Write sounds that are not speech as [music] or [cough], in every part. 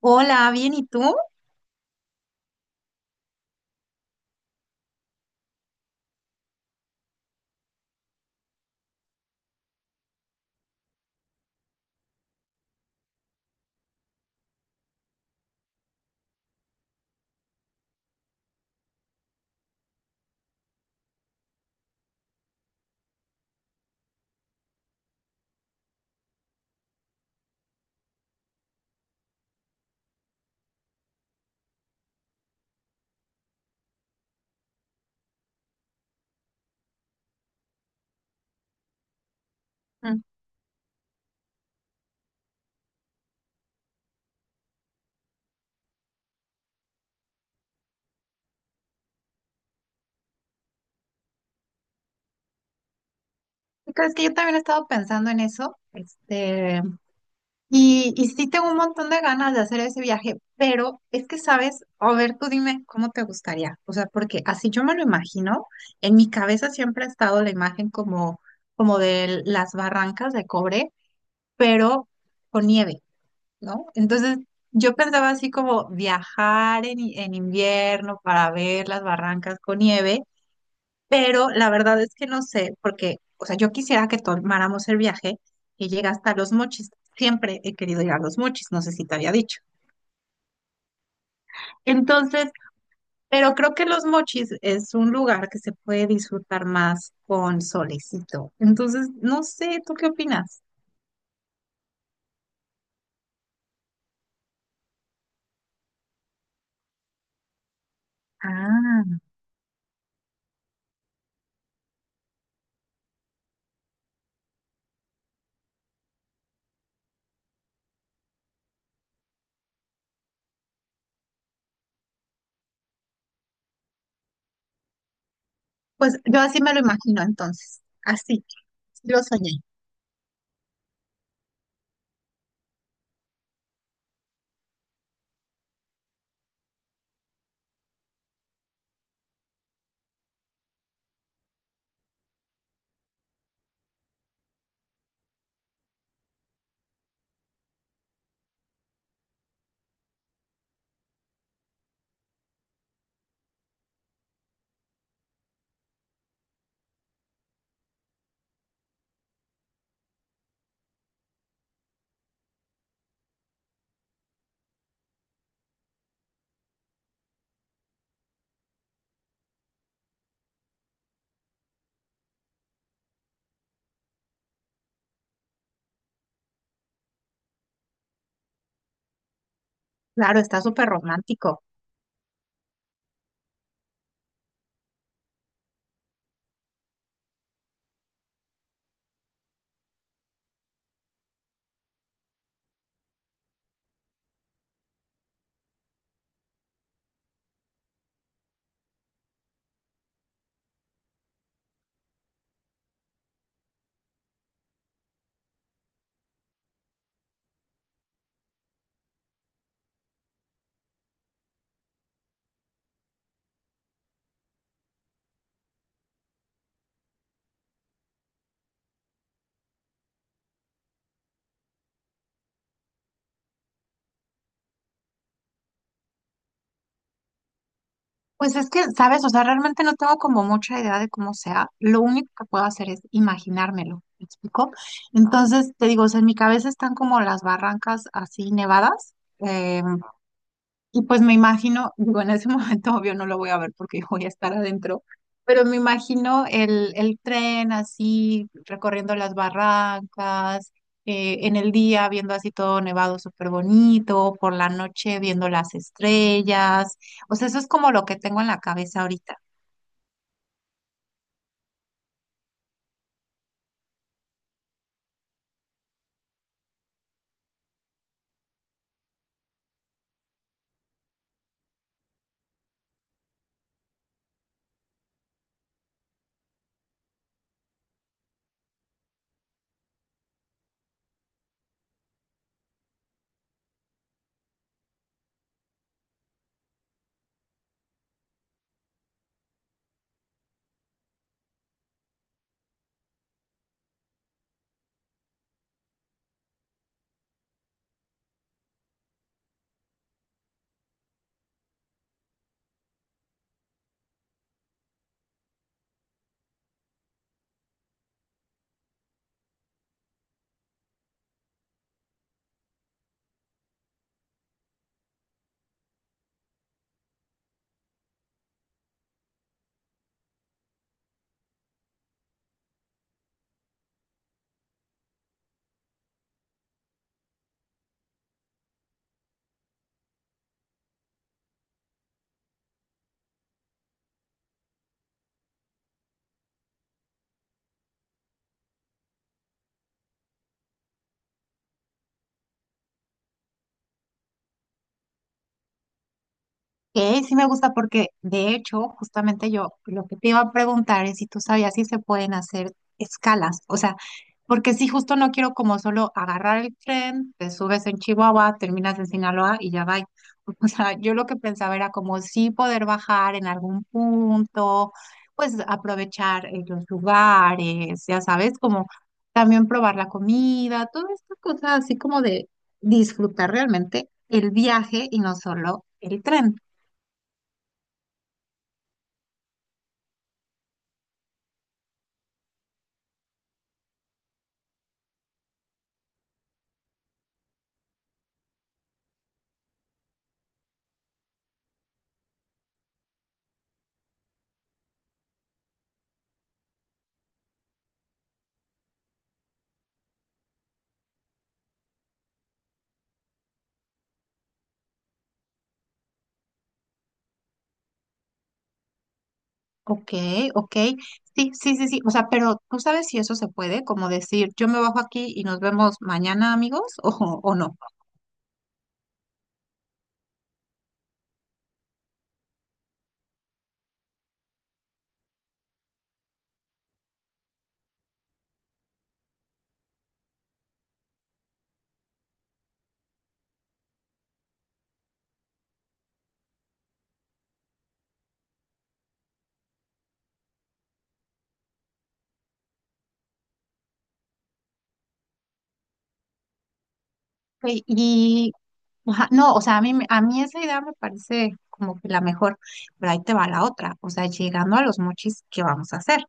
Hola, bien, ¿y tú? Mm, ¿tú crees? Que yo también he estado pensando en eso. Y sí tengo un montón de ganas de hacer ese viaje, pero es que sabes, a ver, tú dime cómo te gustaría. O sea, porque así yo me lo imagino, en mi cabeza siempre ha estado la imagen como, como de las barrancas de cobre, pero con nieve, ¿no? Entonces, yo pensaba así como viajar en invierno para ver las barrancas con nieve. Pero la verdad es que no sé, porque, o sea, yo quisiera que tomáramos el viaje que llega hasta Los Mochis. Siempre he querido ir a Los Mochis, no sé si te había dicho. Entonces, pero creo que Los Mochis es un lugar que se puede disfrutar más con solecito. Entonces, no sé, ¿tú qué opinas? Ah, pues yo así me lo imagino entonces, así, lo soñé. Claro, está súper romántico. Pues es que, ¿sabes? O sea, realmente no tengo como mucha idea de cómo sea. Lo único que puedo hacer es imaginármelo, ¿me explico? Entonces, te digo, o sea, en mi cabeza están como las barrancas así nevadas, eh, y pues me imagino, digo, en ese [laughs] momento obvio no lo voy a ver porque voy a estar adentro, pero me imagino el tren así, recorriendo las barrancas, en el día viendo así todo nevado súper bonito, por la noche viendo las estrellas. O sea, eso es como lo que tengo en la cabeza ahorita. Sí me gusta porque, de hecho, justamente yo lo que te iba a preguntar es si tú sabías si se pueden hacer escalas, o sea, porque si justo no quiero como solo agarrar el tren, te subes en Chihuahua, terminas en Sinaloa y ya va. [laughs] O sea, yo lo que pensaba era como sí poder bajar en algún punto, pues aprovechar los lugares, ya sabes, como también probar la comida, todas estas cosas así como de disfrutar realmente el viaje y no solo el tren. Ok, ok. Sí, sí, sí, sí. O sea, pero ¿tú sabes si eso se puede? Como decir, yo me bajo aquí y nos vemos mañana, amigos, [laughs] o no. Ok. Y, ajá, no, o sea, a mí, a mí esa idea me parece como que la mejor, pero ahí te va la otra. O sea, llegando a los mochis, ¿qué vamos a hacer?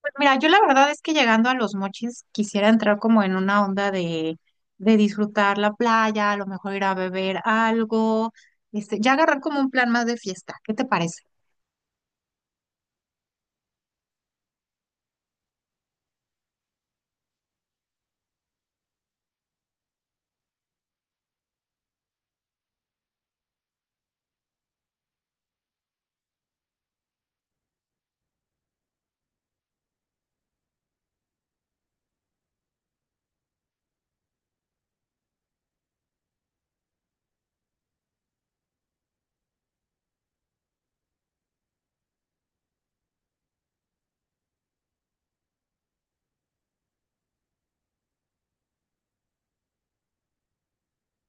Pues mira, yo la verdad es que llegando a los mochis quisiera entrar como en una onda de disfrutar la playa, a lo mejor ir a beber algo, este, ya agarrar como un plan más de fiesta. ¿Qué te parece?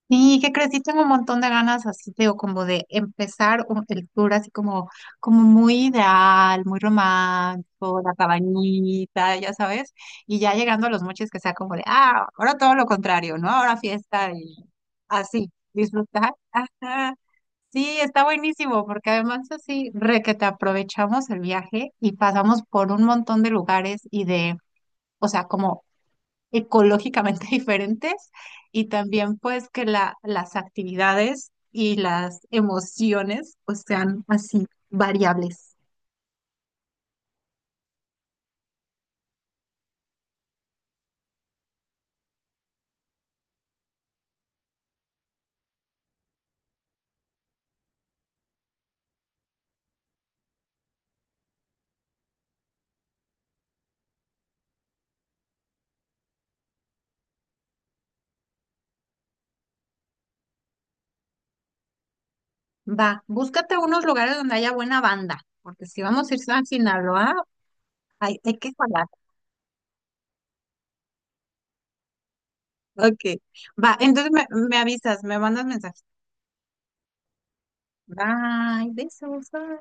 Sí, ¿qué crees? Sí tengo un montón de ganas así, te digo, como de empezar el tour así como, como muy ideal, muy romántico, la cabañita, ya sabes, y ya llegando a los mochis que sea como de, ah, ahora todo lo contrario, ¿no? Ahora fiesta y así, disfrutar. [laughs] Ajá. Sí, está buenísimo, porque además así re que te aprovechamos el viaje y pasamos por un montón de lugares y de, o sea, como ecológicamente [laughs] diferentes y también pues que la, las actividades y las emociones pues sean así variables. Va, búscate unos lugares donde haya buena banda, porque si vamos a ir a Sinaloa, hay que jalar. Ok, va, entonces me avisas, me mandas mensajes. Bye, besos. Bye.